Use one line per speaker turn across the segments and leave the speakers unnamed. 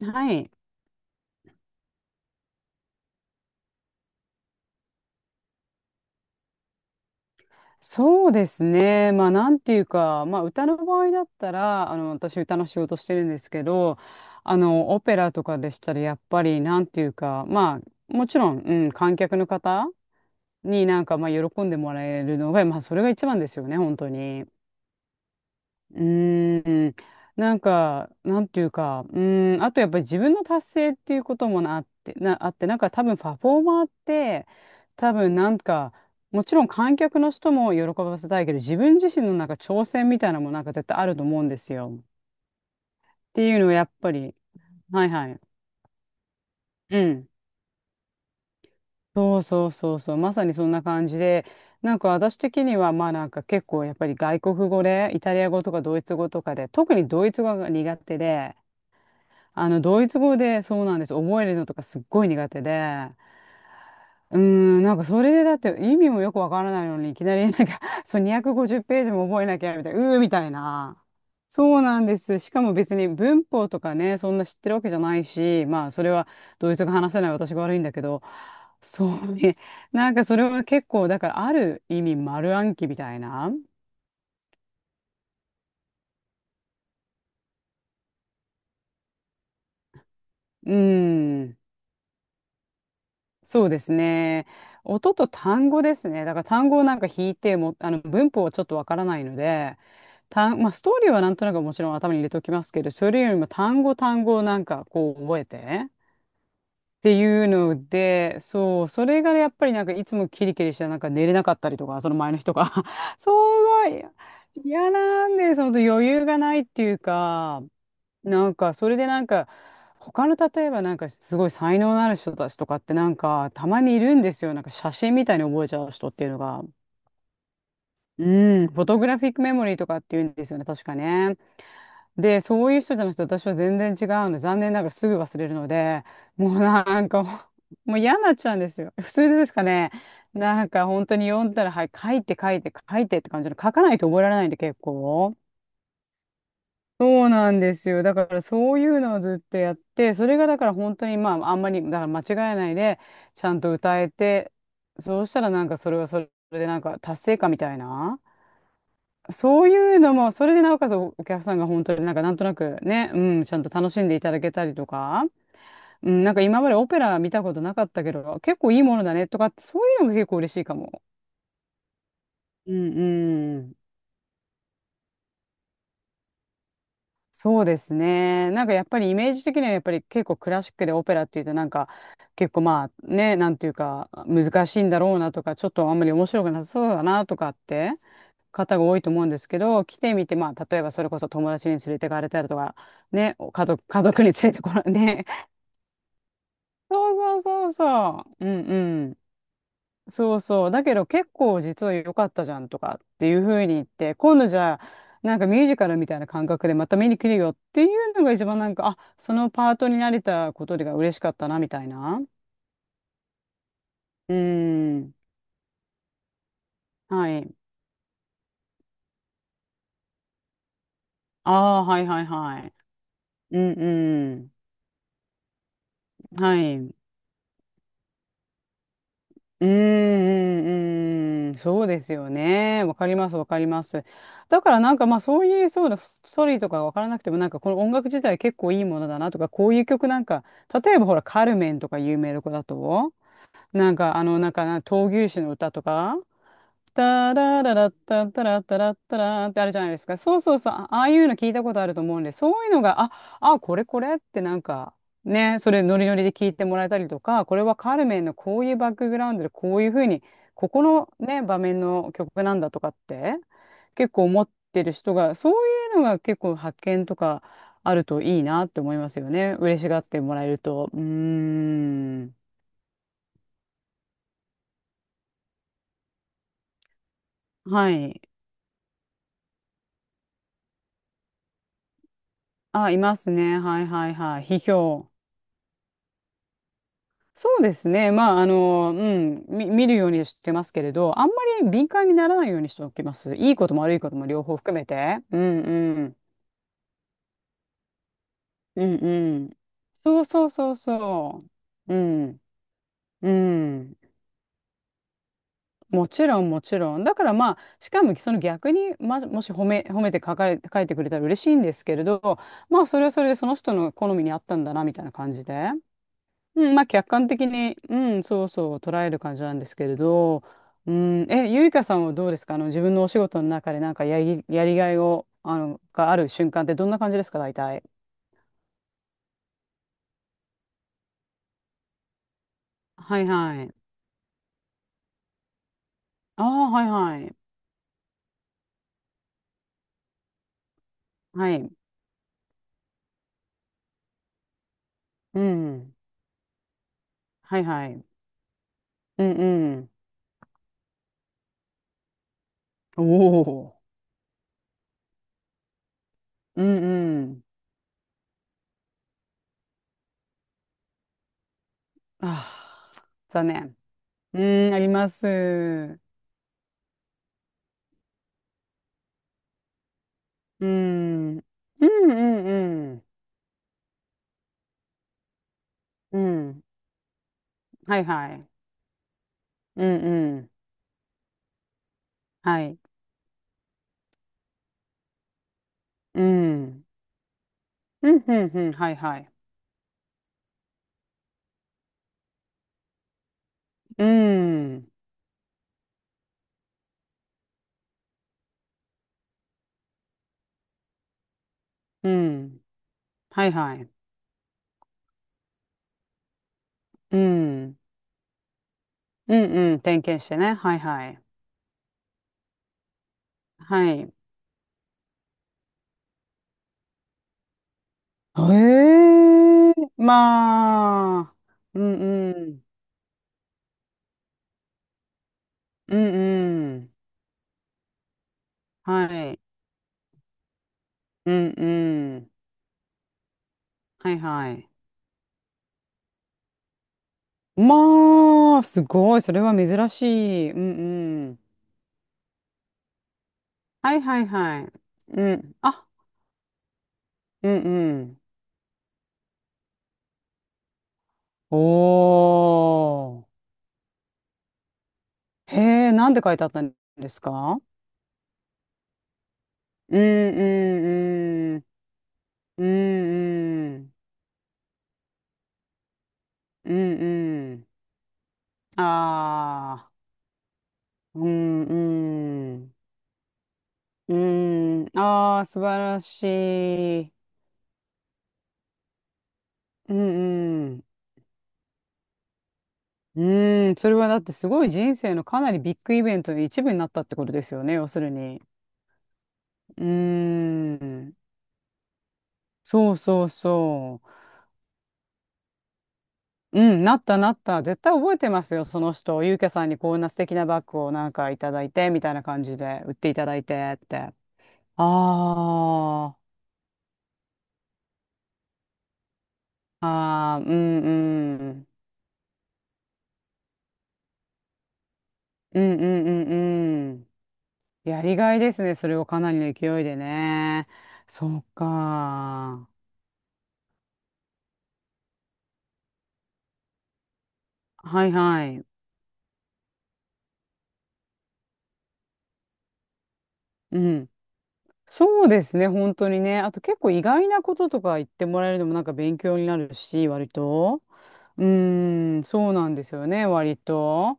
はい。そうですね。まあ、なんていうか、まあ、歌の場合だったら、私、歌の仕事してるんですけど、オペラとかでしたら、やっぱり、なんていうか、まあ、もちろん、うん、観客の方になんか、まあ、喜んでもらえるのが、まあ、それが一番ですよね、本当に。うーん、なんか、なんていうか、あとやっぱり自分の達成っていうこともなあって、あって、なんか多分パフォーマーって、多分なんか、もちろん観客の人も喜ばせたいけど、自分自身のなんか挑戦みたいなのもなんか絶対あると思うんですよ。っていうのはやっぱり、はいはい。うん。そうそうそうそう、まさにそんな感じで、なんか私的にはまあなんか結構やっぱり外国語で、イタリア語とかドイツ語とかで、特にドイツ語が苦手で、ドイツ語でそうなんです。覚えるのとかすっごい苦手で。うーん、なんかそれでだって意味もよくわからないのにいきなりなんか そう250ページも覚えなきゃみたいな、うーみたいな。そうなんです。しかも別に文法とかね、そんな知ってるわけじゃないし、まあそれはドイツが話せない私が悪いんだけど、そうね。なんかそれは結構、だからある意味丸暗記みたいな。うーん。そうですね。音と単語ですね。だから単語をなんか引いても、あの文法はちょっとわからないので、まあ、ストーリーはなんとなくもちろん頭に入れておきますけど、それよりも単語単語をなんかこう覚えて、ていうので、そう、それがやっぱりなんかいつもキリキリしてなんか寝れなかったりとか、その前の日とか、そうい嫌なんで、その余裕がないっていうか、なんかそれでなんか、他の例えばなんかすごい才能のある人たちとかってなんかたまにいるんですよ。なんか写真みたいに覚えちゃう人っていうのが。うん、フォトグラフィックメモリーとかっていうんですよね、確かね。で、そういう人じゃなくて私は全然違うの。残念ながらすぐ忘れるので、もうなんか もう、嫌になっちゃうんですよ。普通ですかね。なんか本当に読んだら、はい、書いて書いて書いてって感じの、書かないと覚えられないんで結構。そうなんですよ。だからそういうのをずっとやって、それがだから本当にまああんまり、だから間違えないで、ちゃんと歌えて、そうしたらなんかそれはそれでなんか達成感みたいな。そういうのも、それでなおかつおお客さんが本当になんかなんとなくね、うん、ちゃんと楽しんでいただけたりとか、うん、なんか今までオペラ見たことなかったけど、結構いいものだねとかって、そういうのが結構嬉しいかも。うんうん。そうですね。なんかやっぱりイメージ的にはやっぱり結構クラシックでオペラっていうとなんか結構まあね、なんていうか難しいんだろうなとか、ちょっとあんまり面白くなさそうだなとかって方が多いと思うんですけど、来てみて、まあ、例えばそれこそ友達に連れてかれたりとか、ね、家族に連れてこられね。そうそうそうそう。うんうん。そうそう。だけど結構実は良かったじゃんとかっていうふうに言って、今度じゃあ、なんかミュージカルみたいな感覚でまた見に来るよっていうのが一番なんか、あ、そのパートになれたことが嬉しかったなみたいな。うん。はい。ああ、はいはいはい。うんうん。はい。うーん、うーん、そうですよね。わかります、わかります。だからなんかまあそういう、そうだ、ストーリーとかわからなくてもなんかこの音楽自体結構いいものだなとか、こういう曲なんか、例えばほら、カルメンとか有名どこだと。なんか、なんかな、闘牛士の歌とか、タラララッタッタラッタラッタラーってあるじゃないですか。そうそうそう、あああいうの聞いたことあると思うんで、そういうのが、あ、あ、これこれってなんか、ね、それノリノリで聞いてもらえたりとか、これはカルメンのこういうバックグラウンドでこういうふうに、ここのね、場面の曲なんだとかって、結構思ってる人が、そういうのが結構発見とかあるといいなって思いますよね。嬉しがってもらえると。うーん。はい。あ、いますね。はいはいはい。批評。そうですね。まあ、うん、見るようにしてますけれど、あんまり敏感にならないようにしておきます。いいことも悪いことも両方含めて。うんうん。うんうん。そうそうそうそう。うん。うん。もちろんもちろん。だからまあ、しかもその逆に、ま、もし褒めて書いてくれたら嬉しいんですけれど、まあ、それはそれでその人の好みに合ったんだな、みたいな感じで。うん、まあ客観的に、うん、そうそう捉える感じなんですけれど、うん、え、ゆいかさんはどうですか自分のお仕事の中でなんかやりがいを、がある瞬間ってどんな感じですか大体。はいはい。ああ、はいはい。はい。うん。はいはい。うんうん。おお。うんうん。ああ、残念。うん、あります。うん。うんうんうん。うん。はいはい。うんうん。はい。うん。うん、うん、うん、はい、はい。うん、うん、はい、はい。うん、うん、うん、点検してね。はい、はい。はい。へえ、まあ、うん、うん、うん、うん、はい。うん、うん、はい、はい。まあ、すごい。それは珍しい。うん、うん。はい、はい、はい。うん、あ、うん、うん。おー。へえ、なんで書いてあったんですか？うんうんうんうんうんうんああーうんうんうんああー素晴らしいうんうんうんそれはだってすごい人生のかなりビッグイベントの一部になったってことですよね要するにうんそうそうそううんなったなった絶対覚えてますよその人ゆうきゃさんにこんな素敵なバッグをなんかいただいてみたいな感じで売っていただいてってああ、ああ、うんうん。うんうんうんうん。やりがいですね。それをかなりの勢いでね。そうか。はいはい。うん。そうですね。本当にね。あと結構意外なこととか言ってもらえるのもなんか勉強になるし、割と。うーん、そうなんですよね。割と。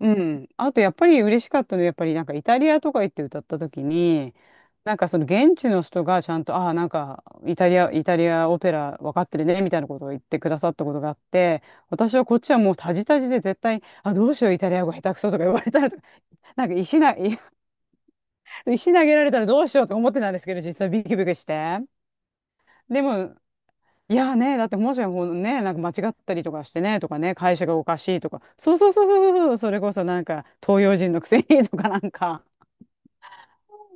うん。あと、やっぱり嬉しかったのは、やっぱりなんかイタリアとか行って歌った時に、なんかその現地の人がちゃんと、ああ、なんかイタリアオペラ分かってるね、みたいなことを言ってくださったことがあって、私はこっちはもうタジタジで絶対、あ、どうしよう、イタリア語下手くそとか言われたらとか、なんか石投げられたらどうしようとか思ってたんですけど、実際ビクビクして。でも、いやーね、だってもしほんね、なんか間違ったりとかしてね、とかね、会社がおかしいとか、そうそうそうそうそう、それこそなんか東洋人のくせにとかなんか、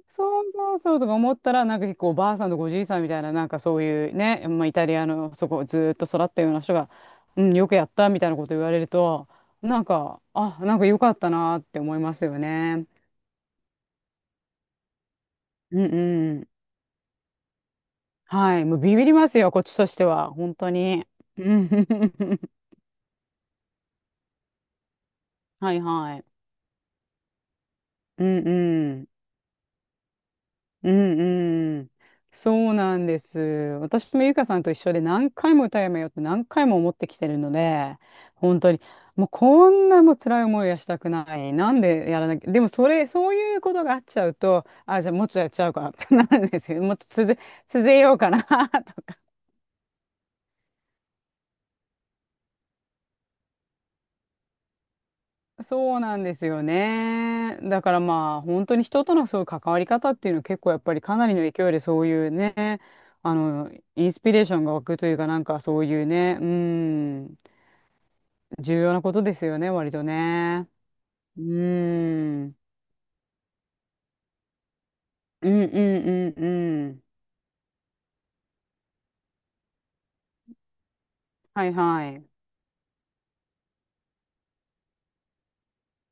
そうそうそうとか思ったら、なんか結構おばあさんとかおじいさんみたいな、なんかそういうね、まあ、イタリアのそこずーっと育ったような人が、うん、よくやったみたいなこと言われると、なんか、あ、なんかよかったなーって思いますよね。うんうん。はい、もうビビりますよ、こっちとしては、本当に。うん はいはい。うんうん。うんうん。そうなんです。私もゆかさんと一緒で何回も歌やめようって何回も思ってきてるので、本当に、もうこんなもう辛い思いはしたくない。なんでやらなきゃ。でもそれ、そういうことがあっちゃうと、あ、じゃあもうちょっとやっちゃうかな。なんですよ。もうちょっと続、続けようかな とそうなんですよね。だからまあ本当に人とのそういう関わり方っていうのは結構やっぱりかなりの勢いでそういうね、インスピレーションが湧くというかなんかそういうね、うん、重要なことですよね、割とね。うん、うんうんうんうん。はいはい。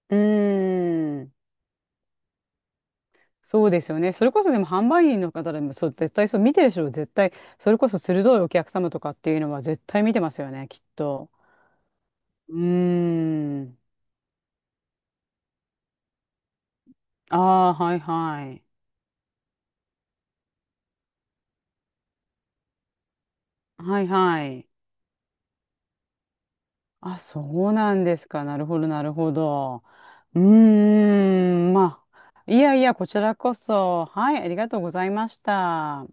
うーん。そうですよね。それこそでも販売員の方でもそう絶対そう見てる人は絶対それこそ鋭いお客様とかっていうのは絶対見てますよね、きっと。うーん。ああー、はいはい。はいはい。あ、そうなんですか。なるほど、なるほど。うーん、まあ、いやいや、こちらこそ。はい、ありがとうございました。